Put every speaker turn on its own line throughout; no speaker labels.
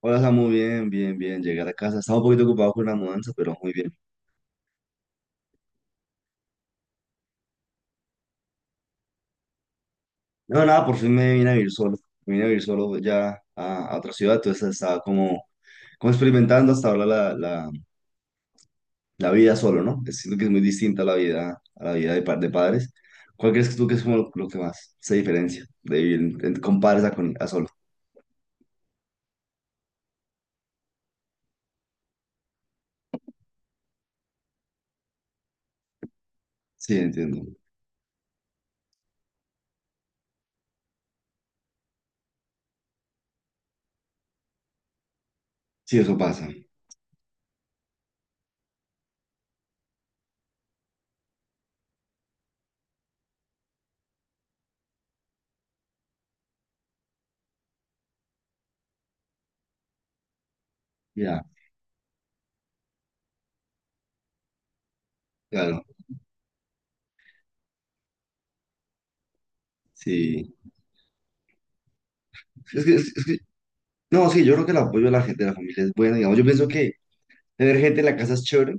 Hola, Samu, bien, bien, bien. Llegué a casa. Estaba un poquito ocupado con la mudanza, pero muy bien. No, nada, por fin me vine a vivir solo. Me vine a vivir solo ya a otra ciudad. Entonces estaba como, como experimentando hasta ahora la vida solo, ¿no? Siento que es muy distinta a la vida de, de padres. ¿Cuál crees que tú que es como lo que más se diferencia de vivir con padres a, con, a solo? Sí, entiendo. Sí, eso pasa. Ya, claro. Sí. Es que, no, sí, yo creo que el apoyo de la gente, de la familia es bueno. Digamos, yo pienso que tener gente en la casa es chévere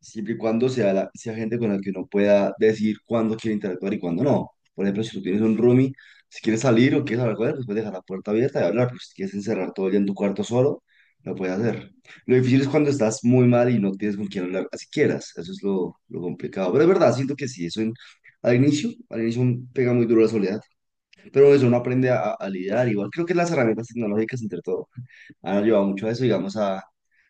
siempre y cuando sea, la, sea gente con la que uno pueda decir cuándo quiere interactuar y cuándo no. Por ejemplo, si tú tienes un roomie, si quieres salir o quieres hablar con él, pues puedes dejar la puerta abierta y hablar, pero si quieres encerrar todo el día en tu cuarto solo, lo puedes hacer. Lo difícil es cuando estás muy mal y no tienes con quién hablar, así quieras, eso es lo complicado. Pero es verdad, siento que sí, al inicio pega muy duro la soledad, pero eso uno aprende a lidiar, igual creo que las herramientas tecnológicas entre todo han llevado mucho a eso, digamos, a...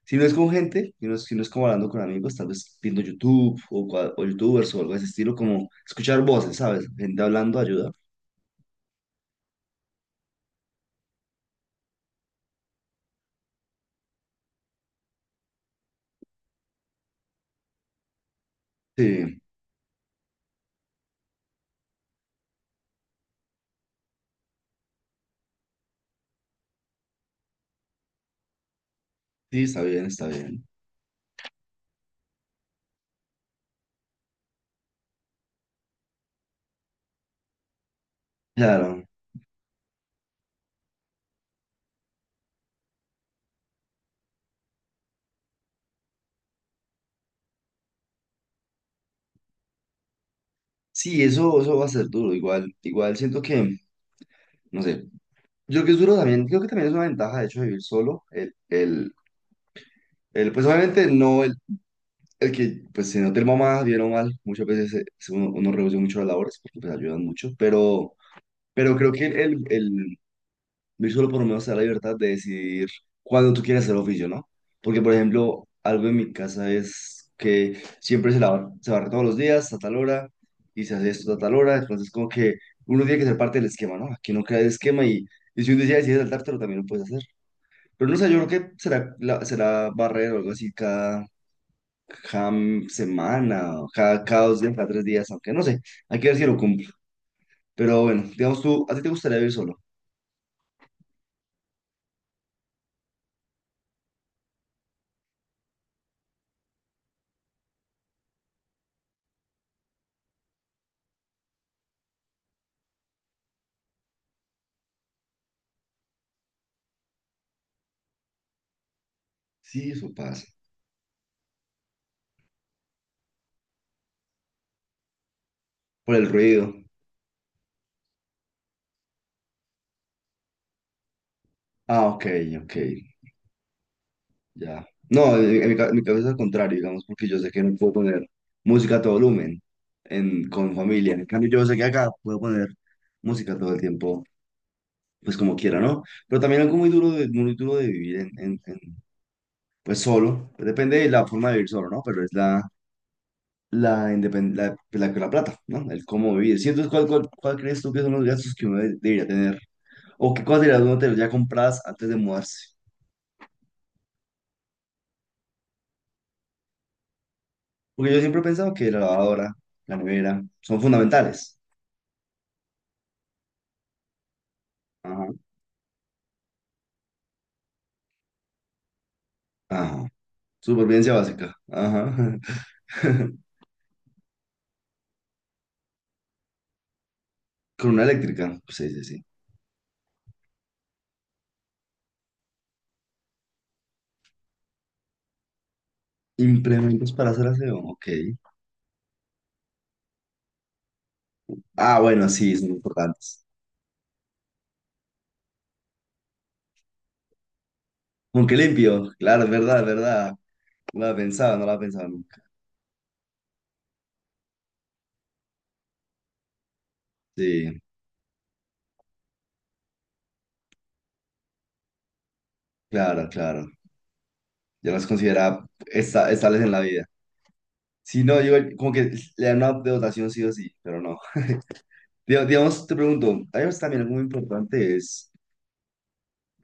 Si no es con gente, si no es, si no es como hablando con amigos, tal vez viendo YouTube o, o YouTubers o algo de ese estilo, como escuchar voces, ¿sabes? Gente hablando ayuda. Sí, sí, está bien, está bien. Claro. Sí, eso va a ser duro. Igual, igual siento que, no sé, yo creo que es duro también, creo que también es una ventaja, de hecho, de vivir solo. Pues obviamente no el, el que, pues si no te mamá, bien o mal, muchas veces uno, uno reduce mucho las labores porque pues ayudan mucho, pero... Pero creo que Luis solo por lo menos te da la libertad de decidir cuándo tú quieres hacer oficio, ¿no? Porque, por ejemplo, algo en mi casa es que siempre se lava, se barre todos los días a tal hora y se hace esto a tal hora, entonces como que uno tiene que ser parte del esquema, ¿no? Aquí no queda el esquema y si un día decides saltártelo también lo puedes hacer. Pero no sé, yo creo que será, será barrer o algo así cada, cada semana, o cada, cada 2 días, cada 3 días, aunque no sé, hay que ver si lo cumplo. Pero bueno, digamos tú, ¿a ti te gustaría vivir solo? Sí, eso pasa. Por el ruido. Ah, ok, ok, ya. No, en mi, en mi cabeza es al contrario, digamos, porque yo sé que no puedo poner música a todo volumen en, con familia. En cambio, yo sé que acá puedo poner música todo el tiempo, pues como quiera, ¿no? Pero también algo muy duro de vivir en, en, pues solo. Pues, depende de la forma de vivir solo, ¿no? Pero es la, la, la plata, ¿no? El cómo vivir. Sí, entonces, ¿cuál, cuál, cuál crees tú que son los gastos que uno debería tener? ¿O qué cosas debería uno tener ya compradas antes de mudarse? Porque yo siempre he pensado que la lavadora, la nevera, son fundamentales. Ajá. Ajá. Supervivencia básica. Ajá. Con una eléctrica. Sí, sí, sí. Implementos para hacer aseo. Ok. Ah, bueno, sí, son importantes. Aunque limpio. Claro, es verdad, es verdad. No la pensaba, no la pensaba nunca. Sí, claro, claro. Ya las considera estables en la vida. Si no, yo como que le dan una dotación sí o sí, pero no. Digamos, te pregunto, algo también muy importante es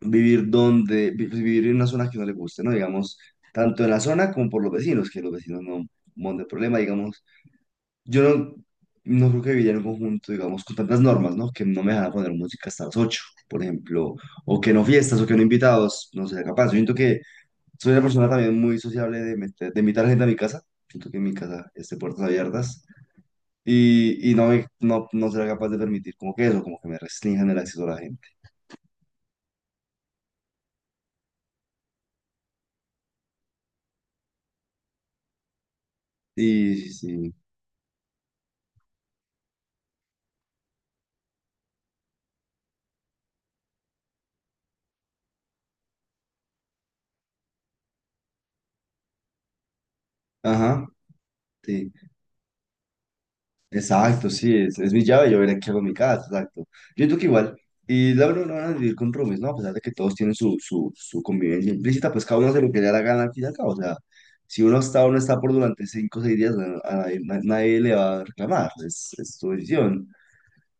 vivir donde, pues, vivir en una zona que no le guste, ¿no? Digamos, tanto en la zona como por los vecinos, que los vecinos no monten problema, digamos. Yo no, no creo que viviría en un conjunto, digamos, con tantas normas, ¿no? Que no me dejan poner música hasta las 8 por ejemplo, o que no fiestas, o que no invitados, no sería capaz. Yo siento que soy una persona también muy sociable de, de invitar gente a mi casa. Siento que en mi casa esté puertas abiertas y no, me, no, no será capaz de permitir como que eso, como que me restrinjan el acceso a la gente. Y sí, ajá, sí. Ajá, sí. Exacto, sí, es mi llave, yo veré qué hago en mi casa, exacto. Yo creo que igual, y la verdad no van a vivir con roomies, ¿no? A pesar de que todos tienen su convivencia implícita, pues cada uno hace lo que le da la gana al fin y al cabo. O sea, si uno está o no está por durante 5 o 6 días, bueno, a nadie, nadie le va a reclamar, es su decisión.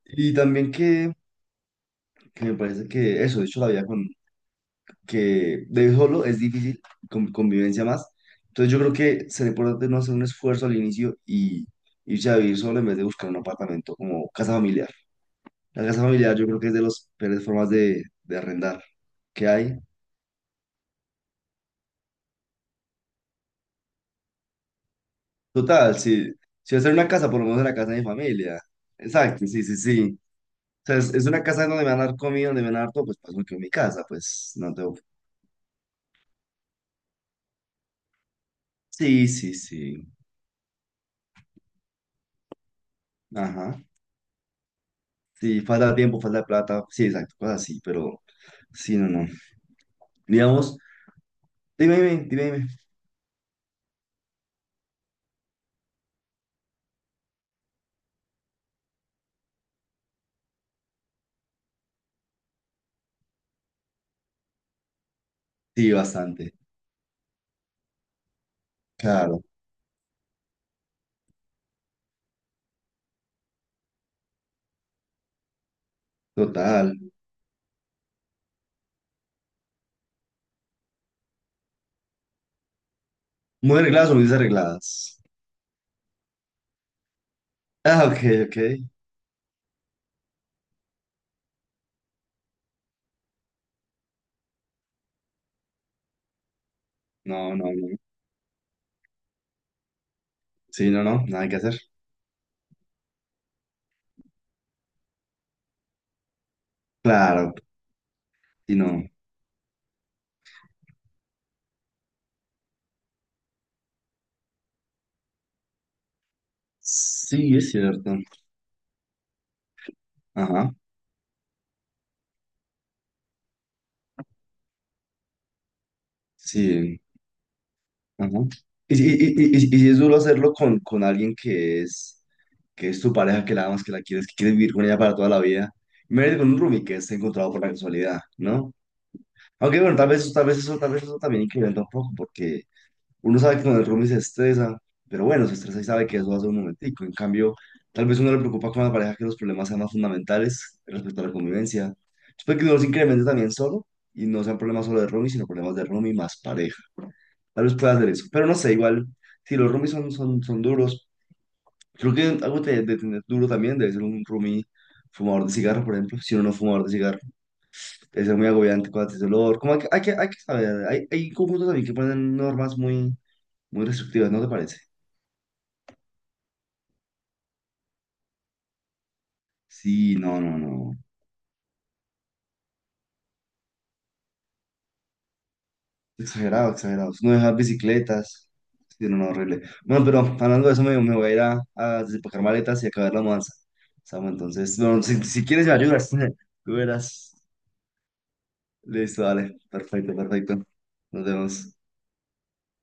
Y también que me parece que eso, de hecho, la vida con, que de solo es difícil, con convivencia más. Entonces yo creo que sería importante no hacer un esfuerzo al inicio y irse a vivir solo en vez de buscar un apartamento como casa familiar. La casa familiar yo creo que es de las peores formas de arrendar que hay. Total, si, si voy a hacer una casa, por lo menos en la casa de mi familia. Exacto, sí, sí, sí. O sea, es una casa donde me van a dar comida, donde me van a dar todo, pues paso que en mi casa, pues no tengo... Sí, sí, sí. Ajá. Sí, falta de tiempo, falta de plata. Sí, exacto, cosas así, pero sí, no, no. Digamos, dime, dime, dime, dime. Sí, bastante. Claro, total. Muy arregladas o muy desarregladas. Ah, ok, ok. No, no, no. Sí, no, no, nada que hacer. Claro, y no. Sí, es cierto. Ajá, sí, ajá. Y, y, y si es duro hacerlo con alguien que es tu pareja, que la amas, que la quieres, que quieres vivir con ella para toda la vida. Imagínate con un roomie que esté encontrado por la casualidad, ¿no? Aunque bueno, tal vez eso también incrementa un poco, porque uno sabe que cuando el roomie se estresa, pero bueno, se estresa y sabe que eso hace un momentico. En cambio, tal vez uno le preocupa con la pareja que los problemas sean más fundamentales respecto a la convivencia. Después que uno los incremente también solo y no sean problemas solo de roomie, sino problemas de roomie más pareja. Tal vez pueda hacer eso, pero no sé, igual, si los roomies son duros, creo que algo de tener duro también debe ser un roomie fumador de cigarro, por ejemplo. Si uno no es fumador de cigarro, debe ser muy agobiante con ese olor. Como hay que, hay que, hay que saber, hay conjuntos también que ponen normas muy, muy restrictivas, ¿no te parece? Sí, no, no, no. Exagerado, exagerado. No dejar bicicletas. Sí, no, no, horrible. Bueno, pero hablando de eso, me voy a ir a desempacar maletas y acabar la mudanza. Samu, entonces, no, si, si quieres me ayudas, tú verás. Listo, dale. Perfecto, perfecto. Nos vemos.